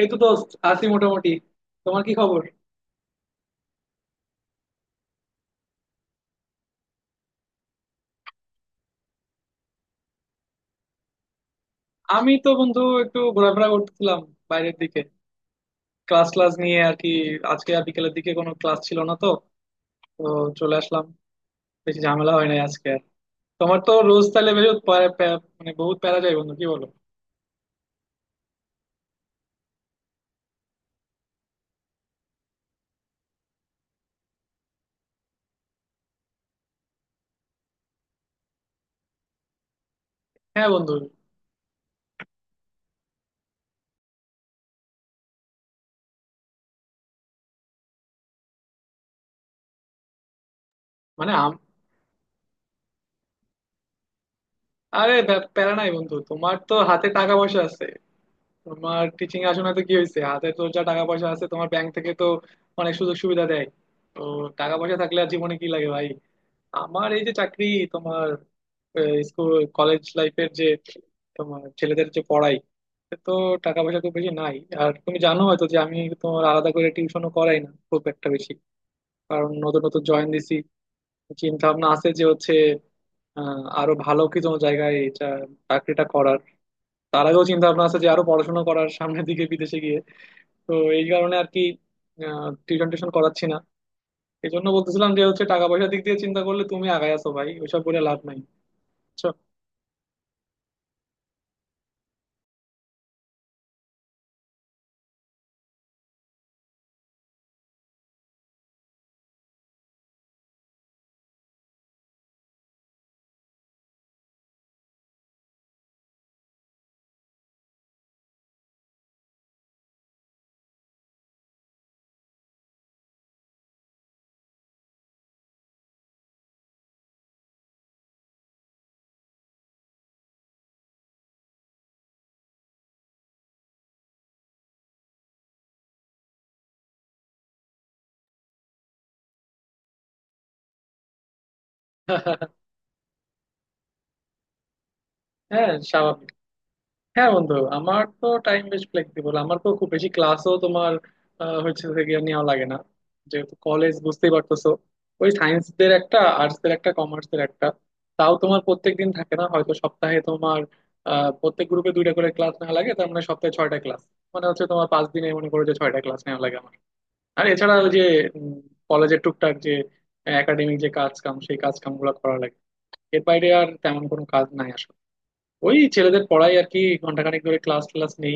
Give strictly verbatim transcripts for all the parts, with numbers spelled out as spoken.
এই তো দোস্ত আছি মোটামুটি। তোমার কি খবর? আমি তো বন্ধু একটু ঘোরাফেরা করতেছিলাম বাইরের দিকে, ক্লাস ক্লাস নিয়ে আর কি। আজকে আর বিকেলের দিকে কোনো ক্লাস ছিল না তো, তো চলে আসলাম। বেশি ঝামেলা হয় নাই আজকে আর। তোমার তো রোজ তাহলে বেশ প্যা- প্যা- মানে বহুত প্যারা যায় বন্ধু, কি বলো? হ্যাঁ বন্ধু। মানে আম আরে ব্যা- প্যারা নাই বন্ধু, তোমার তো হাতে টাকা পয়সা আছে। তোমার টিচিং আসনে তো কি হয়েছে, হাতে তো যা টাকা পয়সা আছে তোমার, ব্যাংক থেকে তো অনেক সুযোগ সুবিধা দেয়। তো টাকা পয়সা থাকলে আর জীবনে কি লাগে ভাই? আমার এই যে চাকরি, তোমার স্কুল কলেজ লাইফের যে, তোমার ছেলেদের যে পড়াই, এতে তো টাকা পয়সা খুব বেশি নাই। আর তুমি জানো হয়তো যে আমি তোমার আলাদা করে টিউশনও করাই না খুব একটা বেশি, কারণ নতুন নতুন জয়েন দিছি। চিন্তা ভাবনা আছে যে হচ্ছে আহ, আরো ভালো কি কোনো জায়গায় এটা চাকরিটা করার। তার আগেও চিন্তা ভাবনা আছে যে আরো পড়াশোনা করার সামনের দিকে বিদেশে গিয়ে। তো এই কারণে আর কি টিউশন টিউশন করাচ্ছি না। এই জন্য বলতেছিলাম যে হচ্ছে টাকা পয়সার দিক দিয়ে চিন্তা করলে তুমি আগায় আছো ভাই, ওইসব বলে লাভ নাই, বুঝছো? হ্যাঁ স্বাভাবিক। হ্যাঁ বন্ধু, আমার তো টাইম বেশ ফ্লেক্সিবল। আমার তো খুব বেশি ক্লাসও তোমার আহ, হচ্ছে থেকে নেওয়া লাগে না, যেহেতু কলেজ বুঝতেই পারতেছো। ওই সায়েন্স দের একটা, আর্টস দের একটা, কমার্স এর একটা। তাও তোমার প্রত্যেক দিন থাকে না, হয়তো সপ্তাহে তোমার আহ, প্রত্যেক গ্রুপে দুইটা করে ক্লাস নেওয়া লাগে, তার মানে সপ্তাহে ছয়টা ক্লাস। মানে হচ্ছে তোমার পাঁচ দিনে মনে করো যে ছয়টা ক্লাস নেওয়া লাগে আমার। আর এছাড়া ওই যে কলেজের টুকটাক যে একাডেমিক যে কাজ কাম, সেই কাজ কাম গুলো করা লাগে। এর বাইরে আর তেমন কোনো কাজ নাই আসলে। ওই ছেলেদের পড়াই আর কি, ঘন্টাখানেক ধরে ক্লাস ক্লাস নেই।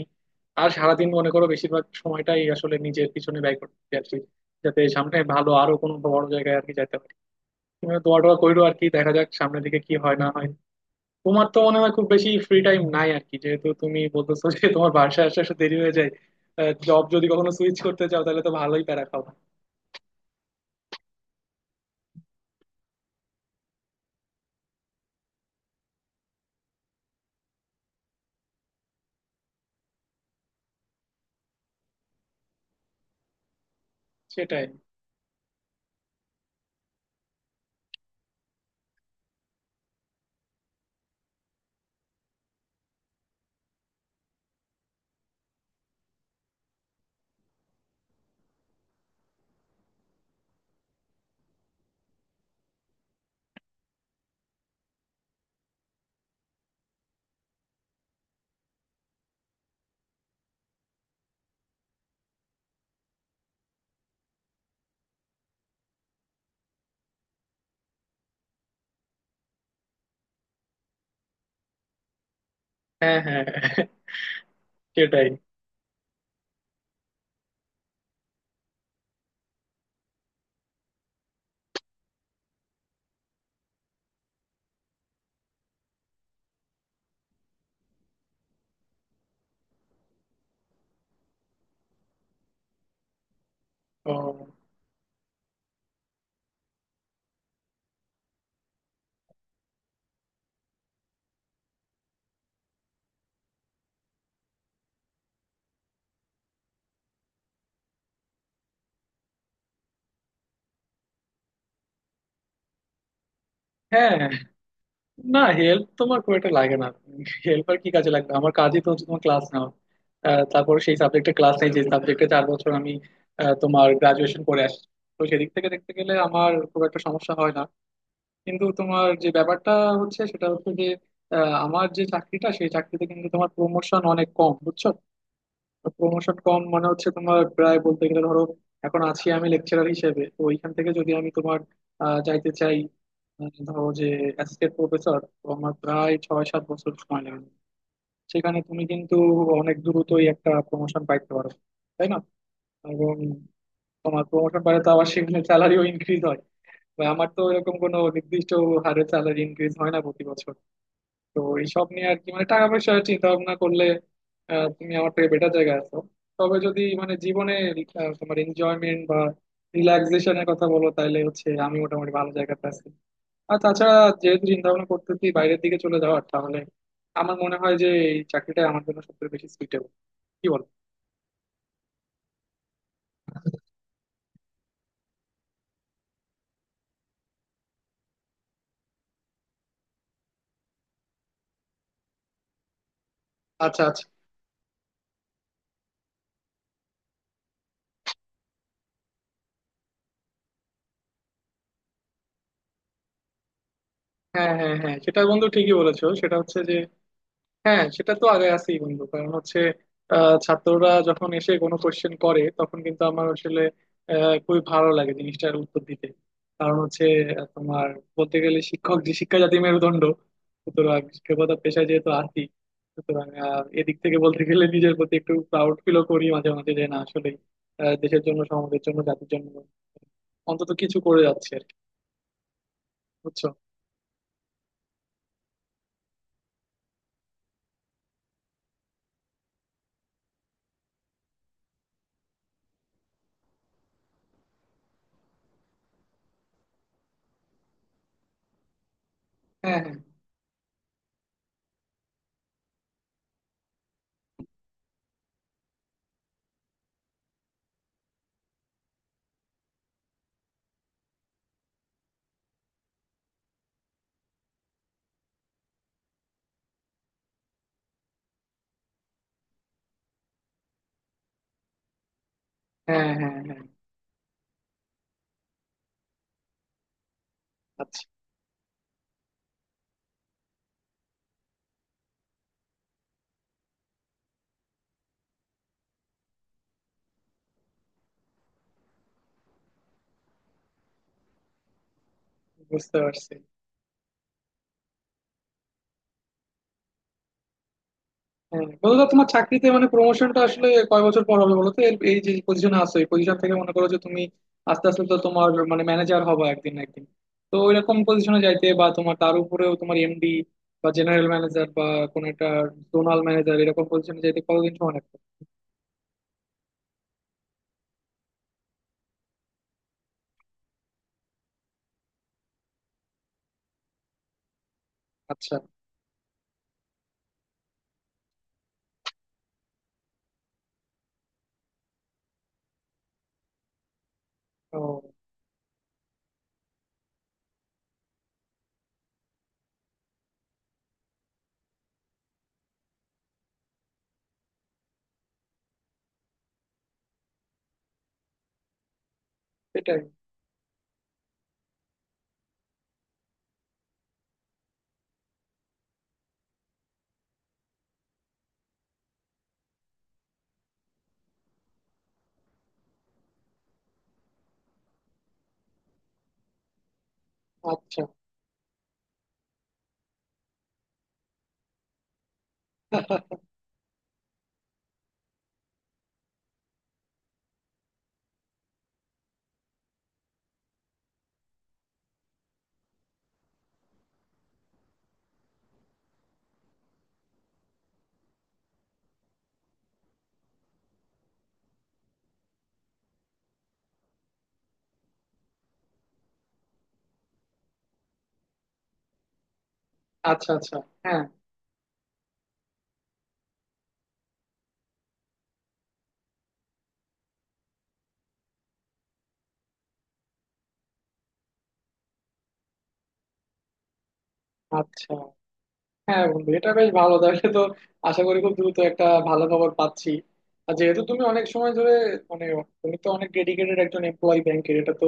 আর সারাদিন মনে করো বেশিরভাগ সময়টাই আসলে নিজের পিছনে ব্যয় করতে আর কি, যাতে সামনে ভালো আরো কোনো বড় জায়গায় আর কি যাইতে পারি। তুমি দোয়া টোয়া কইরো আর কি, দেখা যাক সামনের দিকে কি হয় না হয়। তোমার তো মনে হয় খুব বেশি ফ্রি টাইম নাই আর কি, যেহেতু তুমি বলতেছো যে তোমার বাসায় আসতে আসতে দেরি হয়ে যায়। জব যদি কখনো সুইচ করতে চাও তাহলে তো ভালোই প্যারা খাও। সেটাই। হ্যাঁ হ্যাঁ হ্যাঁ, সেটাই। ও, হ্যাঁ। না, হেল্প তোমার খুব একটা লাগে না। হেল্প আর কি কাজে লাগবে, আমার কাজই তো হচ্ছে তোমার ক্লাস নাও। আহ, তারপরে সেই সাবজেক্টে ক্লাস নেই যে সাবজেক্টে চার বছর আমি আহ, তোমার গ্রাজুয়েশন করে আসছি। তো সেদিক থেকে দেখতে গেলে আমার খুব একটা সমস্যা হয় না। কিন্তু তোমার যে ব্যাপারটা হচ্ছে সেটা হচ্ছে যে আহ, আমার যে চাকরিটা, সেই চাকরিতে কিন্তু তোমার প্রমোশন অনেক কম, বুঝছো। প্রমোশন কম মানে হচ্ছে তোমার প্রায় বলতে গেলে ধরো এখন আছি আমি লেকচারার হিসেবে। তো ওইখান থেকে যদি আমি তোমার আহ, যাইতে চাই আহ, ধরো যে অ্যাসিস্ট্যান্ট প্রফেসর, তো আমার প্রায় ছয় সাত বছর সময় লাগবে। সেখানে তুমি কিন্তু অনেক দ্রুতই একটা প্রমোশন পাইতে পারো, তাই না? এবং তোমার প্রমোশন পাইলে তো আবার সেখানে স্যালারিও ইনক্রিজ হয়। বা আমার তো এরকম কোনো নির্দিষ্ট হারে স্যালারি ইনক্রিজ হয় না প্রতি বছর। তো এইসব নিয়ে আর কি, মানে টাকা পয়সা চিন্তা ভাবনা করলে আহ, তুমি আমার থেকে বেটার জায়গায় আছো। তবে যদি মানে জীবনে আহ, তোমার এনজয়মেন্ট বা রিল্যাক্সেশনের কথা বলো, তাহলে হচ্ছে আমি মোটামুটি ভালো জায়গাতে আছি। আর তাছাড়া যেহেতু চিন্তা ভাবনা করতেছি বাইরের দিকে চলে যাওয়ার, তাহলে আমার মনে হয় যে এই চাকরিটা আমার জন্য সবথেকে বেশি সুইটেবল, কি বল? আচ্ছা আচ্ছা। হ্যাঁ হ্যাঁ হ্যাঁ, সেটা বন্ধু ঠিকই বলেছো। সেটা হচ্ছে যে হ্যাঁ, সেটা তো আগে আছেই বন্ধু। কারণ হচ্ছে আহ, ছাত্ররা যখন এসে কোনো কোশ্চেন করে তখন কিন্তু আমার আসলে আহ, খুবই ভালো লাগে জিনিসটার উত্তর দিতে। কারণ হচ্ছে আহ, তোমার বলতে গেলে শিক্ষক যে শিক্ষা, জাতি মেরুদণ্ড। সুতরাং শিক্ষকতা পেশায় যেহেতু আছি, সুতরাং আহ, এদিক থেকে বলতে গেলে নিজের প্রতি একটু প্রাউড ফিলও করি মাঝে মাঝে যে না, আসলে দেশের জন্য, সমাজের জন্য, জাতির জন্য অন্তত কিছু করে যাচ্ছে আর কি, বুঝছো। হ্যাঁ হ্যাঁ হ্যাঁ হ্যাঁ হ্যাঁ। আচ্ছা। বুঝতে পারছি। হ্যাঁ বলো তো, তোমার চাকরিতে মানে প্রমোশনটা আসলে কয় বছর পর হবে বলো তো এর- এই যে পজিশনে আছো এই পজিশন থেকে, মনে করো যে তুমি আস্তে আস্তে তো তোমার মানে ম্যানেজার হবা একদিন না একদিন। তো ওইরকম পজিশনে যাইতে, বা তোমার তার উপরেও তোমার এমডি বা জেনারেল ম্যানেজার বা কোন একটা জোনাল ম্যানেজার, এরকম পজিশনে যাইতে কতদিন সময় লাগবে? আচ্ছা। ও। এটাই। আচ্ছা। আচ্ছা আচ্ছা। হ্যাঁ। আচ্ছা। হ্যাঁ বন্ধু, এটা বেশ ভালো তাহলে তো। আশা করি খুব দ্রুত একটা ভালো খবর পাচ্ছি। আর যেহেতু তুমি অনেক সময় ধরে মানে তুমি তো অনেক ডেডিকেটেড একজন এমপ্লয়ি ব্যাংকের, এটা তো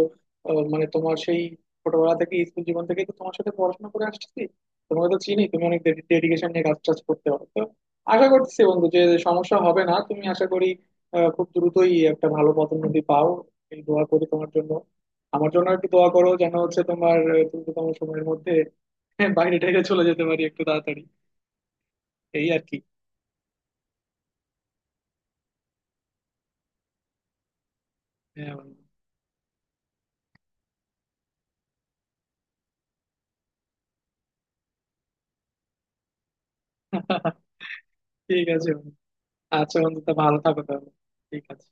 আহ, মানে তোমার সেই ছোটবেলা থেকে স্কুল জীবন থেকে তো তোমার সাথে পড়াশোনা করে আসছি, তোমাকে তো চিনি, তুমি অনেক ডেডিকেশন নিয়ে কাজ টাজ করতে পারো। তো আশা করছি বন্ধু যে সমস্যা হবে না, তুমি আশা করি আহ, খুব দ্রুতই একটা ভালো পদোন্নতি পাও, এই দোয়া করি তোমার জন্য। আমার জন্য একটু দোয়া করো যেন হচ্ছে তোমার আহ, দ্রুততম সময়ের মধ্যে বাইরে টাইরে চলে যেতে পারি একটু তাড়াতাড়ি, এই আর কি। হ্যাঁ বন্ধু। ঠিক আছে বন্ধু। আচ্ছা বন্ধু, তা ভালো থাকো তাহলে। ঠিক আছে।